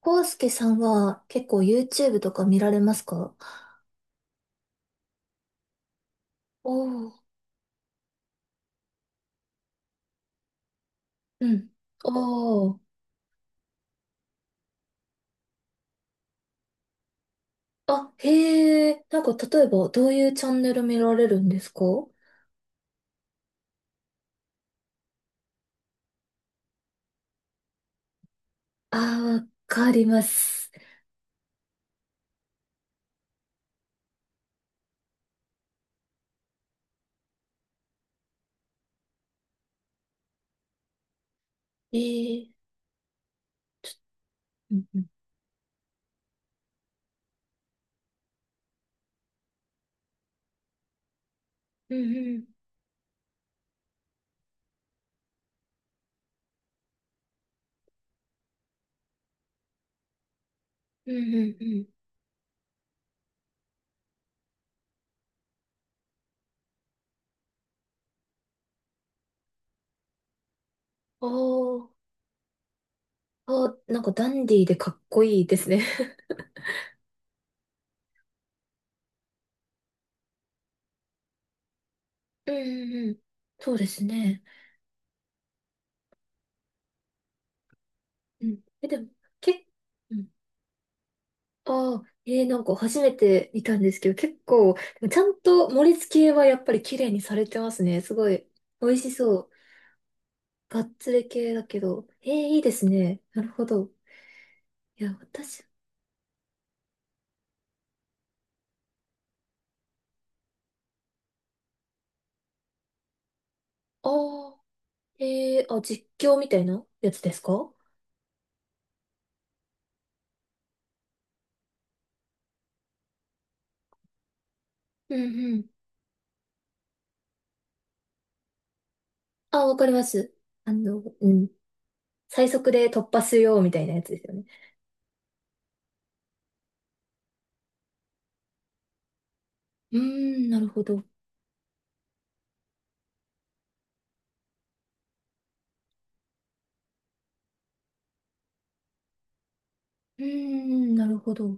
コウスケさんは結構 YouTube とか見られますか？おー、うん。おー。あ、へえ。なんか例えばどういうチャンネル見られるんですか？あー、わかります。えー。うんうん。うんうん。うんうんうん。おー。あ、なんかダンディーでかっこいいですね。うんうんうん。そうですね。うん。え、でも、け、うん、ああ、なんか初めて見たんですけど、結構、ちゃんと盛り付けはやっぱり綺麗にされてますね。すごい、美味しそう。がっつり系だけど。いいですね。なるほど。いや、私、ああ、あ、実況みたいなやつですか？うんうん。あ、わかります。あの、うん。最速で突破するようみたいなやつですよね。うーん、なるほど。うーん、なるほど。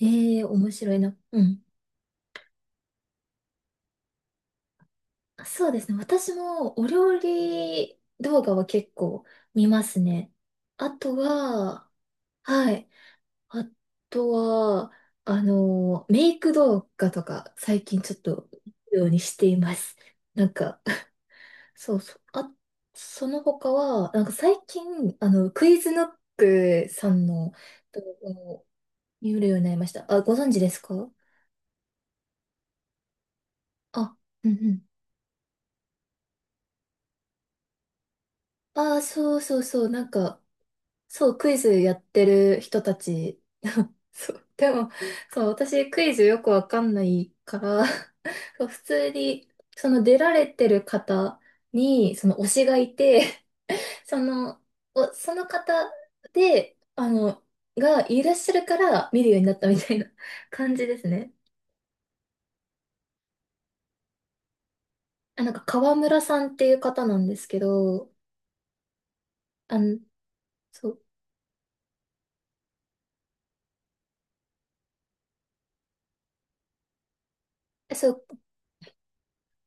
え面白いな。うん。そうですね。私もお料理動画は結構見ますね。あとは、はい。あとは、あの、メイク動画とか最近ちょっと見るようにしています。なんか、そうそう。あ、その他は、なんか最近、あの、クイズノックさんの動画を見るようになりました。あ、ご存知ですか？あ、うんうん。ああ、そうそうそう。なんか、そう、クイズやってる人たち、そう。でも、そう、私クイズよくわかんないから、 そう、普通に、その出られてる方に、その推しがいて、その、その方で、あの、がいらっしゃるから見るようになったみたいな 感じですね。あ、なんか川村さんっていう方なんですけど、あの、そう、そう、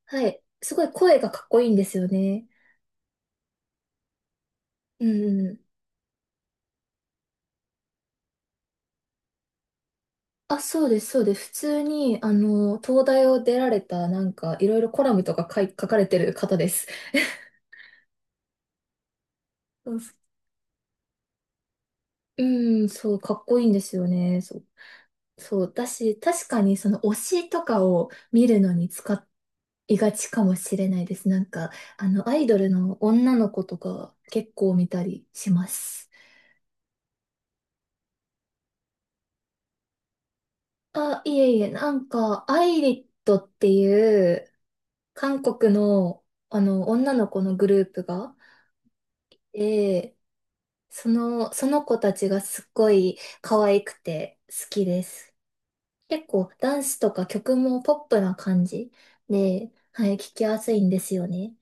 はい。すごい声がかっこいいんですよね。うんうん。あ、そうです、そうです。普通に、あの、東大を出られた、なんか、いろいろコラムとか書かれてる方です。そうそう、うん、そう、かっこいいんですよね。そう、そう。だし、確かにその推しとかを見るのに使いがちかもしれないです。なんか、あの、アイドルの女の子とか結構見たりします。あ、いえいえ、なんか、アイリットっていう韓国の、あの、女の子のグループが、その子たちがすっごい可愛くて好きです。結構ダンスとか曲もポップな感じで、はい、聞きやすいんですよね。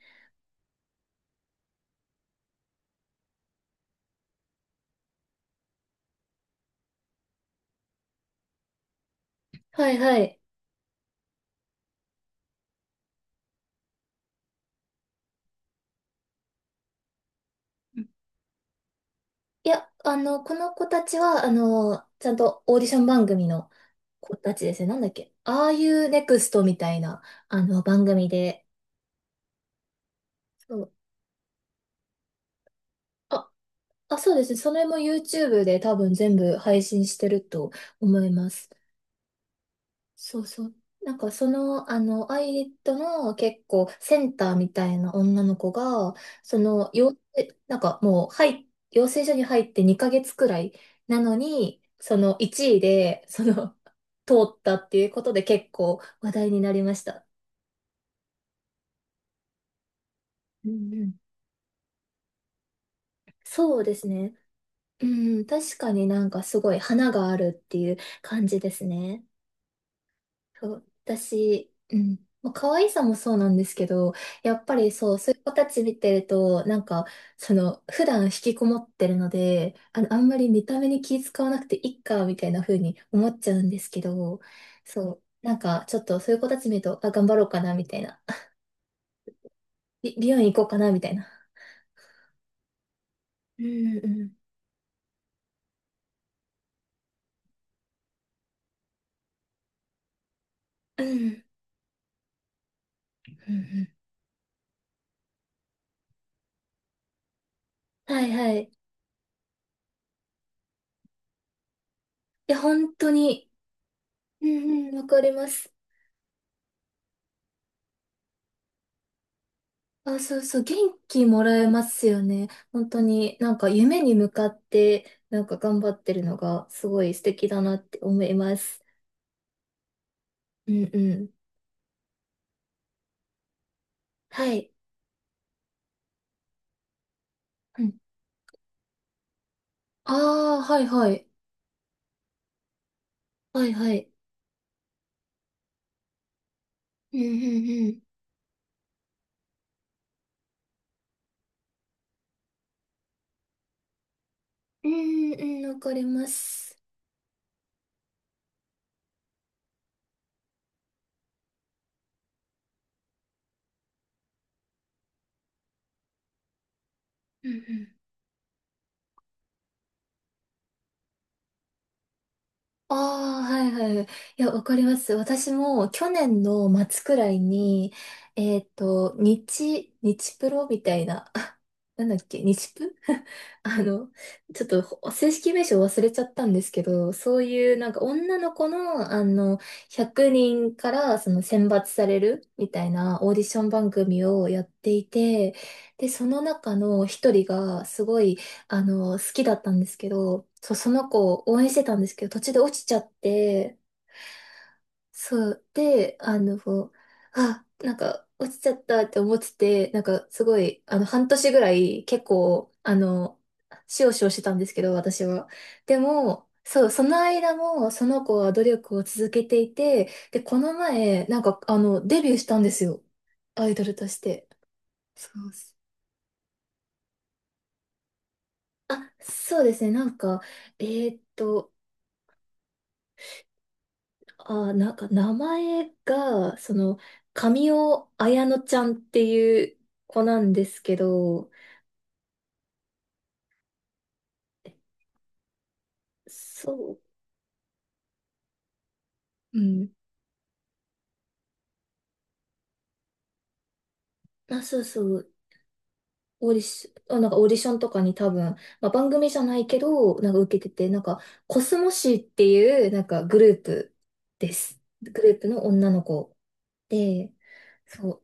はいはい。いや、あの、この子たちは、あの、ちゃんとオーディション番組の子たちですね。なんだっけ。ああいうネクストみたいな、あの、番組で。そうあ、あ、そうですね。それも YouTube で多分全部配信してると思います。そうそう。なんかその、あの、アイリットの結構センターみたいな女の子が、その、なんかもう、はい、養成所に入って2ヶ月くらいなのに、その1位で、その、通ったっていうことで結構話題になりました。うんうん。そうですね。うん、確かになんかすごい花があるっていう感じですね。そう、私、うん。まあ、可愛さもそうなんですけど、やっぱりそう、そういう子たち見てると、なんか、その、普段引きこもってるので、あの、あんまり見た目に気使わなくていいか、みたいな風に思っちゃうんですけど、そう、なんか、ちょっとそういう子たち見ると、あ、頑張ろうかな、みたいな。美容院行こうかな、みたいな。うんうん。うん。うんうん。はいはい。いや、本当に、うんうん、わかります。あ、そうそう、元気もらえますよね。本当になんか夢に向かってなんか頑張ってるのがすごい素敵だなって思います。うんうん。はい。うん。ああ、はいはい。はいはい。うんうんうん。うんうん、わかります。うんうん、ああ、はいはいはい。いや、わかります。私も去年の末くらいに、日プロみたいな、あ、なんだっけ、あの、ちょっと正式名称忘れちゃったんですけど、そういうなんか女の子の、あの、100人からその選抜されるみたいなオーディション番組をやっていて、で、その中の一人がすごい、あの、好きだったんですけど、そう、その子を応援してたんですけど、途中で落ちちゃって、そう、で、あの、あ、なんか、落ちちゃったって思ってて、なんか、すごい、あの、半年ぐらい、結構、あの、しおしおしてたんですけど、私は。でも、そう、その間も、その子は努力を続けていて、で、この前、なんか、あの、デビューしたんですよ。アイドルとして。そうっす。あ、そうですね、なんか、えーっと、あ、なんか名前が、その、神尾綾乃ちゃんっていう子なんですけど、そう、うん。あ、そうそう。オーディション、あなんかオーディションとかに多分、まあ、番組じゃないけど、なんか受けてて、なんか、コスモシーっていう、なんかグループです。グループの女の子で、そう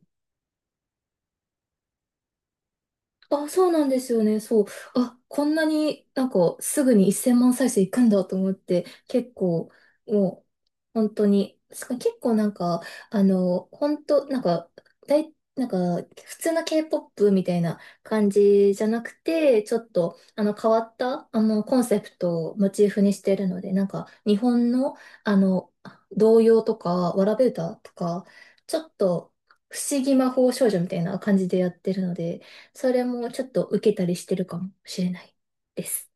そうなんですよね。そう。あ、こんなになんかすぐに1000万再生いくんだと思って、結構もう本当に、結構なんか、あの、本当なんか、なんか普通の K-POP みたいな感じじゃなくて、ちょっとあの変わったあのコンセプトをモチーフにしてるので、なんか日本のあの童謡とか、わらべ歌とか、ちょっと不思議魔法少女みたいな感じでやってるので、それもちょっと受けたりしてるかもしれないです。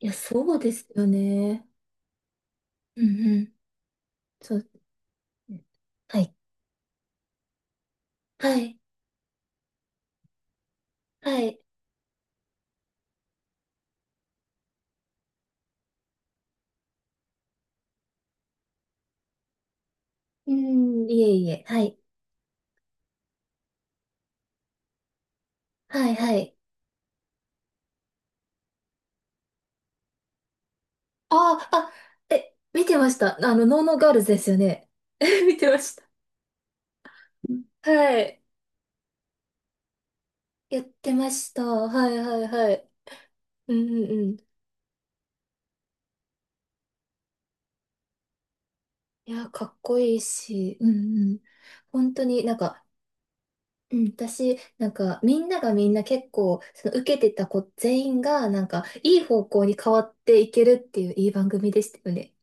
いや、そうですよね。うんうん。そう。はい。はい。はい。うん、いえいえ。はい。はい、はい。ああ、あ、見てました。あの、ノーノーガールズですよね。見てました。はい。やってました。はい、はい、はい。うん、うん、うん。いや、かっこいいし、うん、うん。本当になんか、うん、私、なんか、みんながみんな結構、その受けてた子全員が、なんか、いい方向に変わっていけるっていういい番組でしたよね。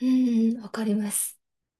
うん、うん、わかります。